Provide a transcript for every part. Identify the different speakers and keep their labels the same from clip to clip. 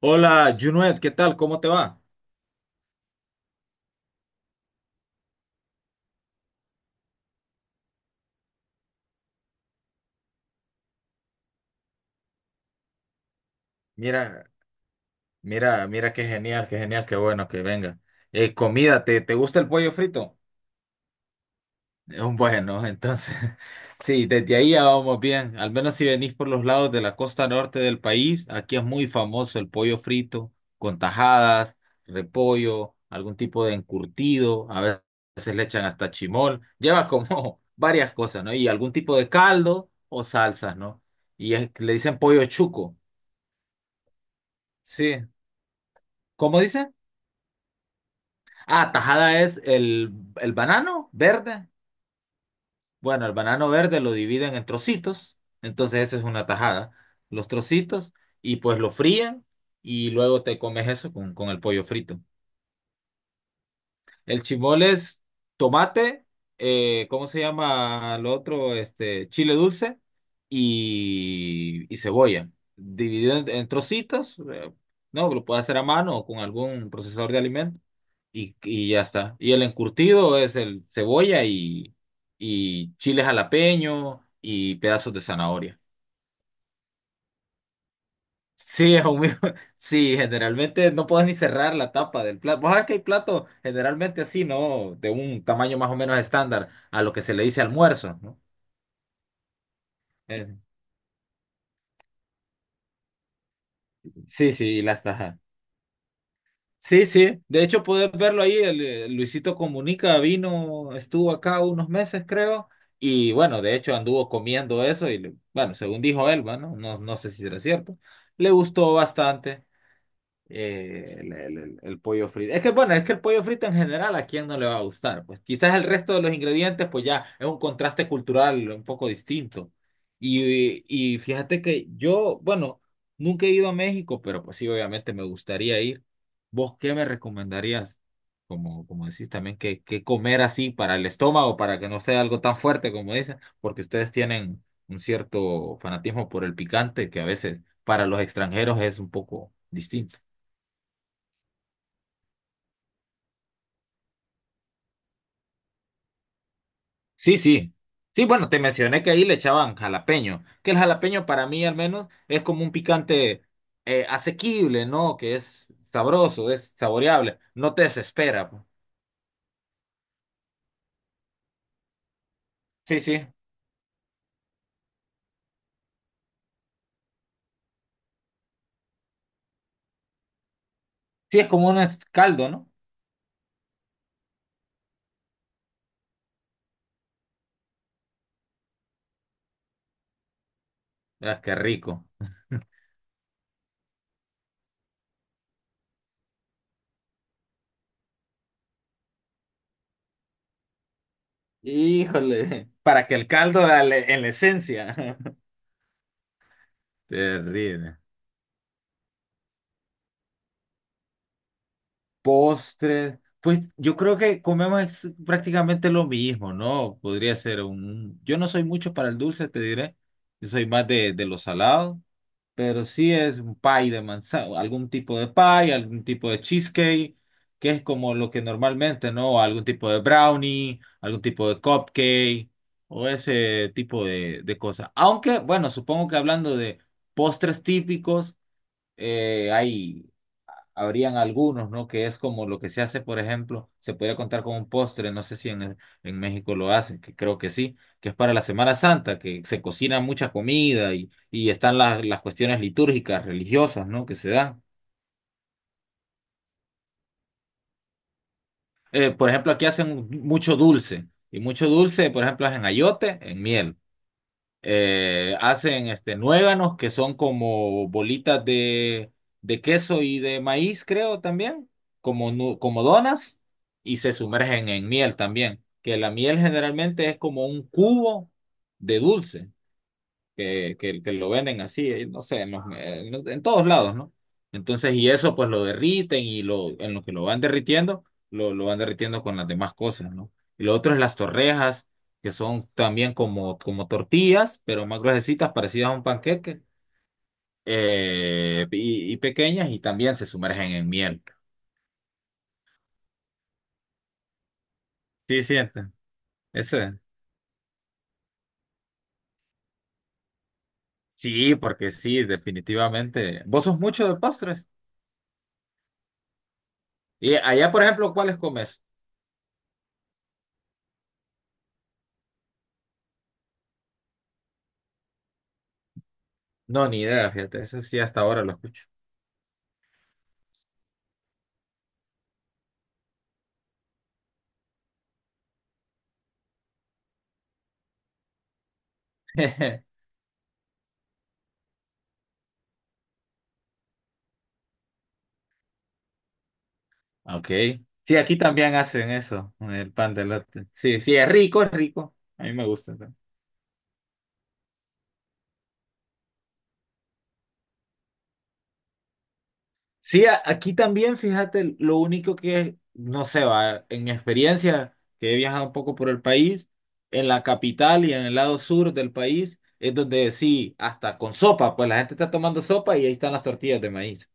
Speaker 1: Hola, Junuet, ¿qué tal? ¿Cómo te va? Mira, mira, mira qué genial, qué genial, qué bueno que venga. Comida, ¿te gusta el pollo frito? Bueno, entonces, sí, desde ahí ya vamos bien. Al menos si venís por los lados de la costa norte del país, aquí es muy famoso el pollo frito, con tajadas, repollo, algún tipo de encurtido, a veces le echan hasta chimol, lleva como varias cosas, ¿no? Y algún tipo de caldo o salsas, ¿no？ Le dicen pollo chuco. Sí. ¿Cómo dice? Ah, tajada es el banano verde. Bueno, el banano verde lo dividen en trocitos, entonces esa es una tajada. Los trocitos y pues lo fríen y luego te comes eso con el pollo frito. El chimol es tomate, ¿cómo se llama lo otro? Este, chile dulce y cebolla. Dividido en trocitos, no, lo puedes hacer a mano o con algún procesador de alimentos. Y ya está. Y el encurtido es el cebolla y chile jalapeño y pedazos de zanahoria. Sí, Sí, generalmente no puedes ni cerrar la tapa del plato. Vos sabés que hay platos generalmente así, ¿no? De un tamaño más o menos estándar a lo que se le dice almuerzo, ¿no? Eh, sí, sí, y las tajas. Sí, sí. De hecho, puedes verlo ahí. Luisito Comunica vino, estuvo acá unos meses, creo. Y bueno, de hecho anduvo comiendo eso bueno, según dijo él, bueno, no sé si será cierto. Le gustó bastante pollo frito. Es que bueno, es que el pollo frito en general a quién no le va a gustar. Pues quizás el resto de los ingredientes, pues ya es un contraste cultural un poco distinto. Y fíjate que yo, bueno, nunca he ido a México, pero pues sí, obviamente me gustaría ir. ¿Vos qué me recomendarías? Como, como decís también, que comer así para el estómago, para que no sea algo tan fuerte como dicen, porque ustedes tienen un cierto fanatismo por el picante que a veces para los extranjeros es un poco distinto. Sí, sí. Sí, bueno, te mencioné que ahí le echaban jalapeño, que el jalapeño para mí al menos es como un picante asequible, ¿no? Que es sabroso, es saboreable, no te desespera, pues. Sí, sí. Sí, es como un caldo, ¿no? Ah, qué rico. Híjole, para que el caldo dale en la esencia. Terrible. Postres. Pues yo creo que prácticamente lo mismo, ¿no? Podría ser un… Yo no soy mucho para el dulce, te diré. Yo soy más de lo salado, pero sí, es un pie de manzana, algún tipo de pie, algún tipo de cheesecake, que es como lo que normalmente, ¿no? Algún tipo de brownie, algún tipo de cupcake o ese tipo de cosas. Aunque, bueno, supongo que hablando de postres típicos, hay habrían algunos, ¿no? Que es como lo que se hace, por ejemplo, se podría contar con un postre, no sé si en México lo hacen, que creo que sí, que es para la Semana Santa, que se cocina mucha comida y están las cuestiones litúrgicas, religiosas, ¿no? Que se dan. Por ejemplo, aquí hacen mucho dulce, y mucho dulce, por ejemplo, hacen ayote en miel. Hacen este, nuéganos, que son como bolitas de queso y de maíz, creo también, como, como donas, y se sumergen en miel también, que la miel generalmente es como un cubo de dulce que lo venden así, no sé, en todos lados, ¿no? Entonces, y eso pues lo derriten en lo que lo van derritiendo, lo van derritiendo con las demás cosas, ¿no? Y lo otro es las torrejas, que son también como, como tortillas, pero más gruesecitas, parecidas a un panqueque, y pequeñas, y también se sumergen en miel. Sí, sienten. Ese. Sí, porque sí, definitivamente. ¿Vos sos mucho de postres? Y allá, por ejemplo, ¿cuáles comes? No, ni idea, fíjate, eso sí hasta ahora lo escucho. Ok. Sí, aquí también hacen eso, el pan de elote. Sí, sí, es rico, es rico. A mí me gusta también. Sí, aquí también, fíjate, lo único que, no sé, va, en mi experiencia, que he viajado un poco por el país, en la capital y en el lado sur del país, es donde sí, hasta con sopa, pues la gente está tomando sopa y ahí están las tortillas de maíz.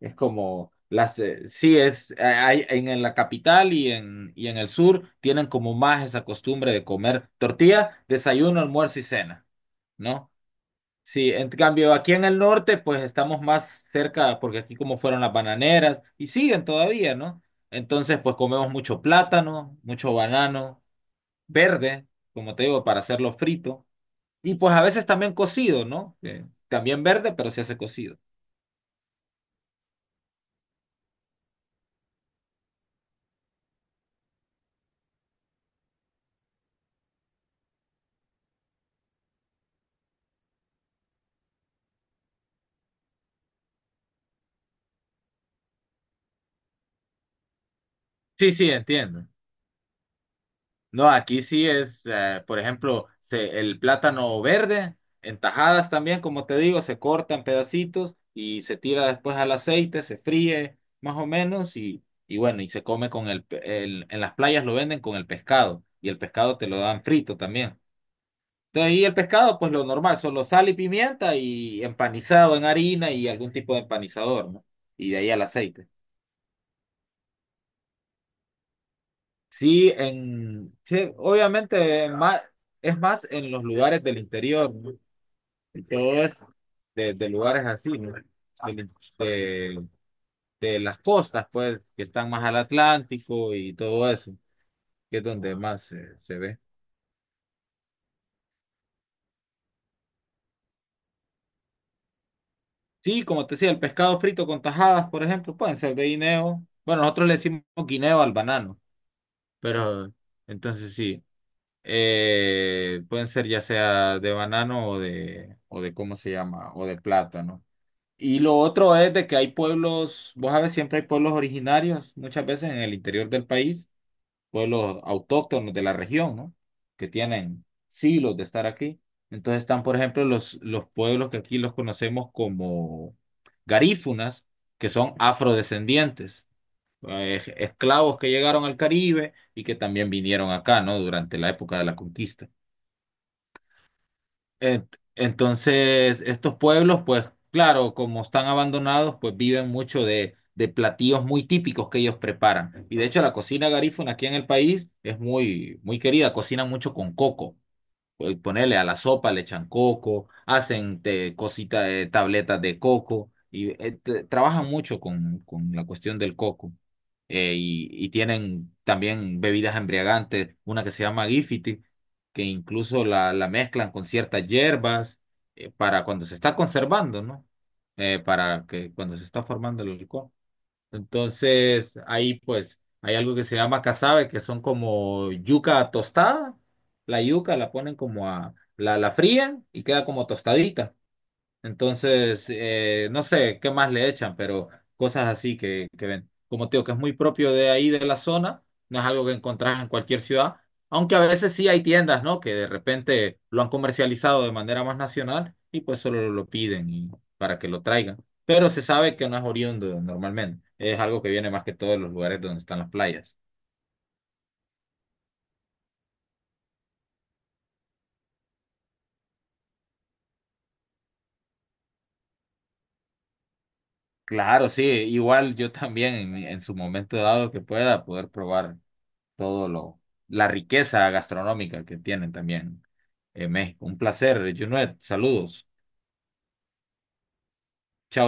Speaker 1: Es como las en la capital y en el sur tienen como más esa costumbre de comer tortilla, desayuno, almuerzo y cena, ¿no? Sí, en cambio aquí en el norte pues estamos más cerca porque aquí como fueron las bananeras y siguen todavía, ¿no? Entonces pues comemos mucho plátano, mucho banano verde, como te digo, para hacerlo frito y pues a veces también cocido, ¿no? También verde, pero se hace cocido. Sí, sí, entiendo. No, aquí sí es, por ejemplo, el plátano verde, en tajadas también, como te digo, se corta en pedacitos y se tira después al aceite, se fríe más o menos y bueno, y se come con en las playas lo venden con el pescado y el pescado te lo dan frito también. Entonces, y el pescado, pues lo normal, solo sal y pimienta y empanizado en harina y algún tipo de empanizador, ¿no? Y de ahí al aceite. Sí, obviamente más, es más en los lugares del interior, ¿no? Y todo es de lugares así, ¿no? Del- De, de las costas, pues, que están más al Atlántico y todo eso, que es donde más se ve. Sí, como te decía, el pescado frito con tajadas, por ejemplo, pueden ser de guineo. Bueno, nosotros le decimos guineo al banano, pero entonces sí, pueden ser ya sea de banano o de, ¿cómo se llama? O de plátano. Y lo otro es de que hay pueblos, vos sabes, siempre hay pueblos originarios, muchas veces en el interior del país, pueblos autóctonos de la región, ¿no? Que tienen siglos de estar aquí. Entonces están, por ejemplo, los pueblos que aquí los conocemos como garífunas, que son afrodescendientes, esclavos que llegaron al Caribe y que también vinieron acá, ¿no? Durante la época de la conquista. Entonces, estos pueblos, pues claro, como están abandonados, pues viven mucho de platillos muy típicos que ellos preparan. Y de hecho, la cocina garífuna aquí en el país es muy, muy querida, cocinan mucho con coco, ponerle a la sopa, le echan coco, hacen cositas, de tabletas de coco, y trabajan mucho con la cuestión del coco. Y tienen también bebidas embriagantes, una que se llama Gifiti, que incluso la mezclan con ciertas hierbas, para cuando se está conservando, ¿no? Para que cuando se está formando el licor. Entonces, ahí pues hay algo que se llama casabe, que son como yuca tostada. La yuca la ponen como la frían y queda como tostadita. Entonces, no sé qué más le echan, pero cosas así que ven. Como te digo, que es muy propio de ahí, de la zona, no es algo que encontrás en cualquier ciudad, aunque a veces sí hay tiendas, ¿no? Que de repente lo han comercializado de manera más nacional y pues solo lo piden para que lo traigan. Pero se sabe que no es oriundo normalmente, es algo que viene más que todo de los lugares donde están las playas. Claro, sí, igual yo también en su momento dado que pueda poder probar todo lo, la riqueza gastronómica que tienen también en México. Un placer, Junet. Saludos. Chao.